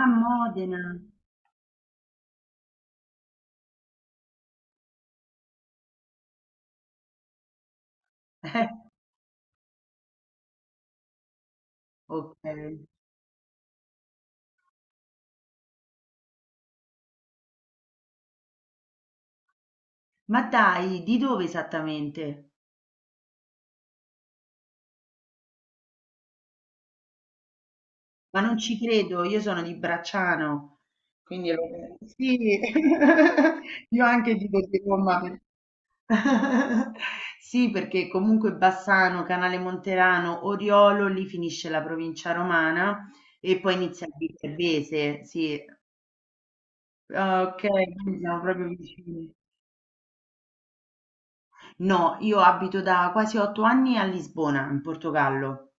A Modena, eh, okay. Ma dai, di dove esattamente? Ma non ci credo, io sono di Bracciano, quindi lo sì, io anche dico di Roma. Sì, perché comunque Bassano, Canale Monterano, Oriolo, lì finisce la provincia romana e poi inizia il Viterbese, sì. Ah, ok, quindi siamo proprio vicini. No, io abito da quasi 8 anni a Lisbona, in Portogallo.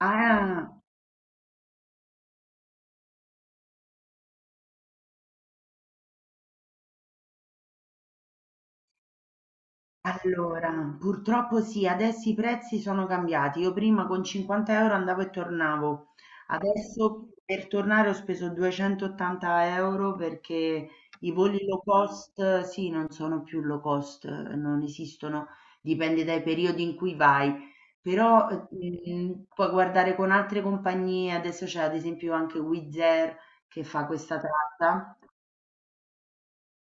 Ah, allora, purtroppo sì, adesso i prezzi sono cambiati. Io prima con 50 euro andavo e tornavo, adesso per tornare ho speso 280 euro perché i voli low cost, sì, non sono più low cost, non esistono, dipende dai periodi in cui vai. Però puoi guardare con altre compagnie, adesso c'è ad esempio anche Wizz Air che fa questa tratta.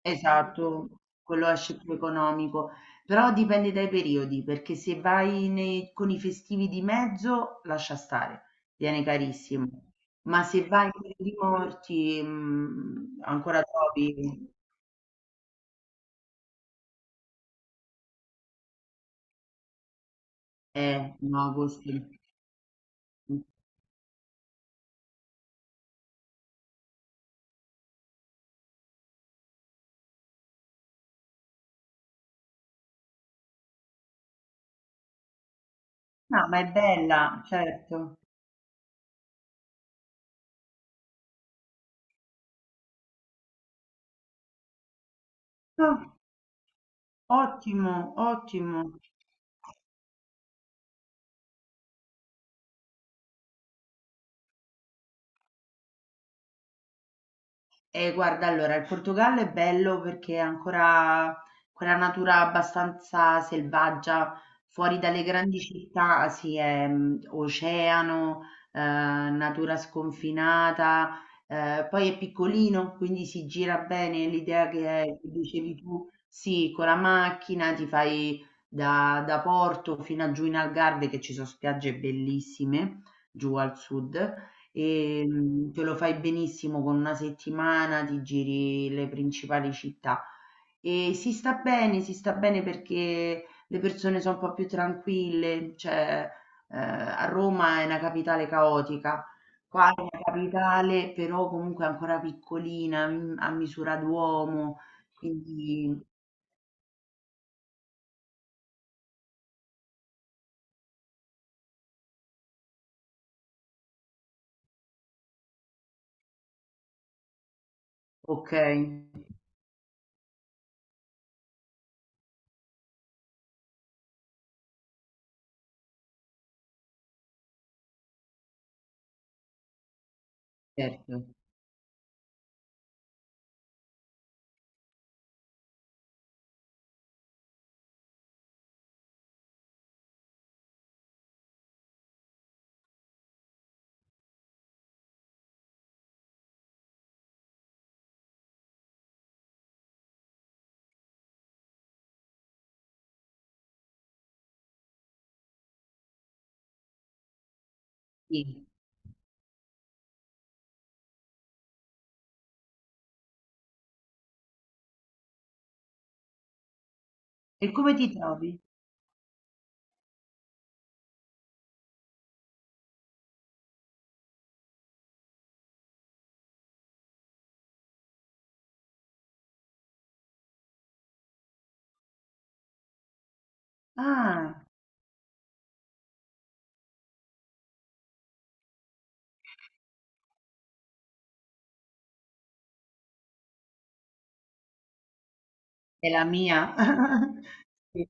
Esatto, quello esce più economico, però dipende dai periodi, perché se vai con i festivi di mezzo, lascia stare, viene carissimo, ma se vai con i morti, ancora trovi, no, agosto. No, ma è bella, certo. No, ottimo, ottimo. Guarda, allora, il Portogallo è bello perché ha ancora quella natura abbastanza selvaggia, fuori dalle grandi città, sì, è oceano, natura sconfinata, poi è piccolino, quindi si gira bene. L'idea che dicevi tu, sì, con la macchina ti fai da Porto fino a giù in Algarve, che ci sono spiagge bellissime, giù al sud. Te lo fai benissimo con una settimana, ti giri le principali città e si sta bene perché le persone sono un po' più tranquille, cioè a Roma è una capitale caotica, qua è una capitale però comunque ancora piccolina, mm, a misura d'uomo, quindi ok, certo, sì. E come ti trovi? Ah, è la mia. Sì.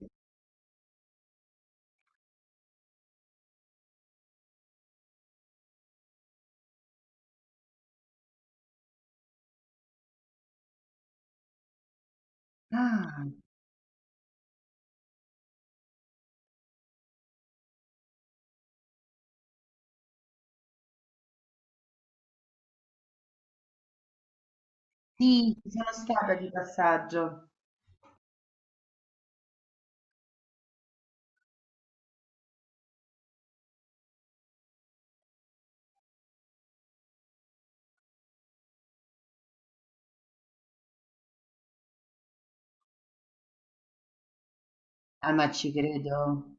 Ah. Sì, ci sono stata di passaggio. Ah, ma ci credo.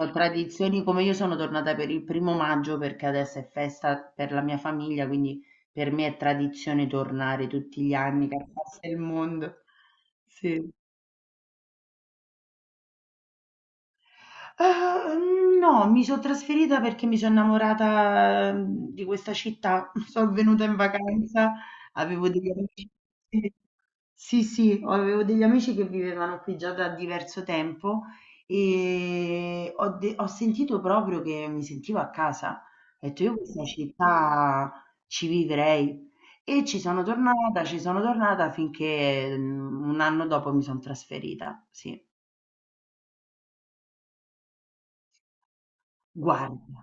Ho tradizioni come io sono tornata per il primo maggio perché adesso è festa per la mia famiglia, quindi per me è tradizione tornare tutti gli anni, che passa il mondo. Sì. No, mi so' trasferita perché mi so' innamorata, mhmm, di questa città. So' venuta in vacanza, avevo degli amici sì. Sì, o avevo degli amici che vivevano qui già da diverso tempo, ho sentito proprio che mi sentivo a casa. Ho detto: "Io questa città ci vivrei". E ci sono tornata finché, mhmm, un anno dopo mi son trasferita, sì. Guarda,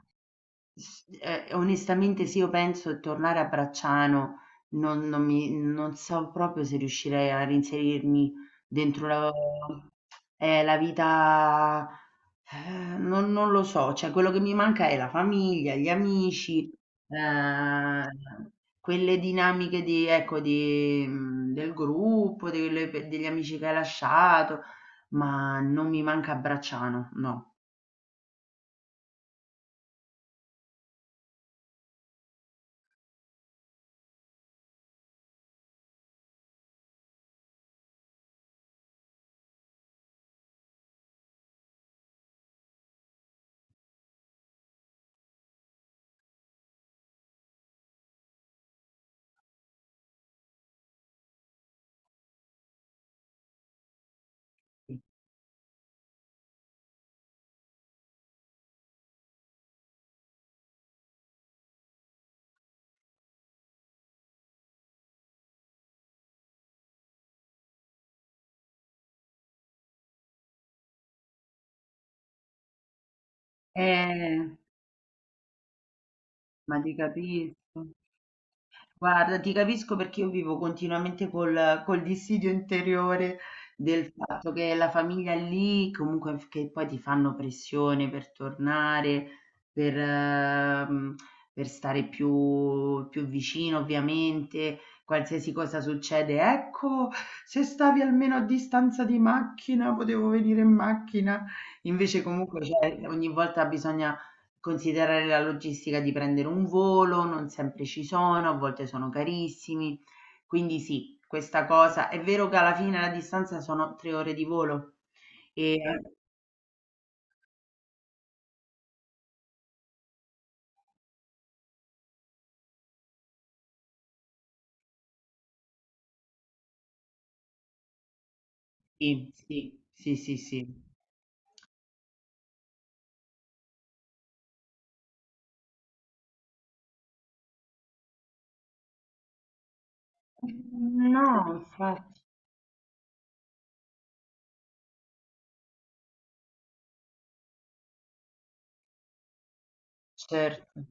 s onestamente se io penso di tornare a Bracciano non so proprio se riuscirei a reinserirmi dentro la la vita non lo so, cioè quello che mi manca è la famiglia, gli amici, ehm, quelle dinamiche di ecco, di mhmm, del gruppo, delle pe degli amici che hai lasciato, ma non mi manca Bracciano, no. Eh. Ma ti capisco. Guarda, ti capisco perché io vivo continuamente col dissidio interiore del fatto che la famiglia è lì, comunque che poi ti fanno pressione per tornare, per, ehm, per stare più vicino, ovviamente, qualsiasi cosa succede. Ecco, se stavi almeno a distanza di macchina, potevo venire in macchina. Invece comunque cioè, ogni volta bisogna considerare la logistica di prendere un volo, non sempre ci sono, a volte sono carissimi. Quindi sì, questa cosa è vero che alla fine la distanza sono 3 ore di volo. E sì, sì, sì, sì, sì. No, infatti, certo.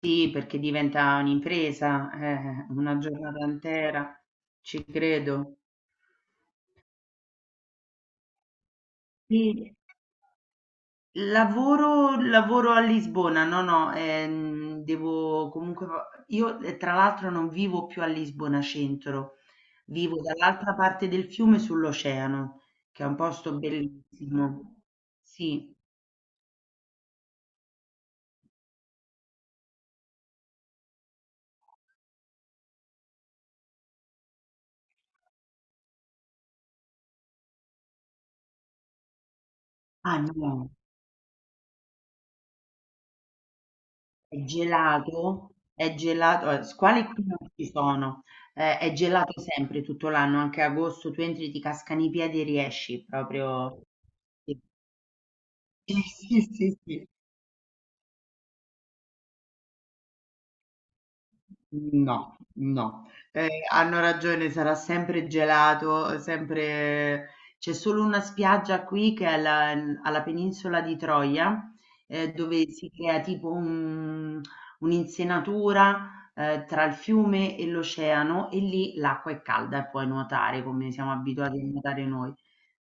Sì, perché diventa un'impresa, una giornata intera, ci credo. Sì. Lavoro a Lisbona, no, no, devo comunque fa io, tra l'altro non vivo più a Lisbona centro, vivo dall'altra parte del fiume sull'oceano, che è un posto bellissimo. Sì. Ah no, è gelato, squali qui non ci sono, è gelato sempre tutto l'anno, anche agosto, tu entri, ti cascano i piedi e riesci proprio. Sì, sì, sì, sì. No, no. Hanno ragione, sarà sempre gelato, sempre c'è solo una spiaggia qui che è alla penisola di Troia, dove si crea tipo un'insenatura, tra il fiume e l'oceano e lì l'acqua è calda e puoi nuotare come siamo abituati a nuotare noi,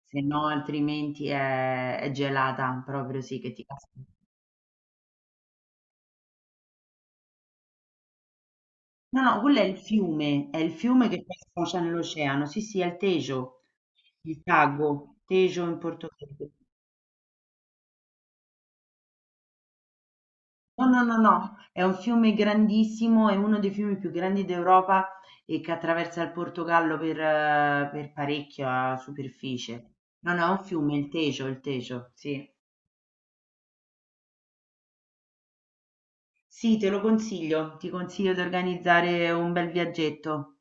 se no altrimenti è gelata, proprio sì, che ti casca. No, no, quello è il fiume, che poi sfocia nell'oceano. Sì, sì, è il Tejo, il Tago, Tejo in portoghese. No, è un fiume grandissimo, è uno dei fiumi più grandi d'Europa e che attraversa il Portogallo per parecchia superficie. No, no, è un fiume, il Tejo, sì. Sì, te lo consiglio, ti consiglio di organizzare un bel viaggetto.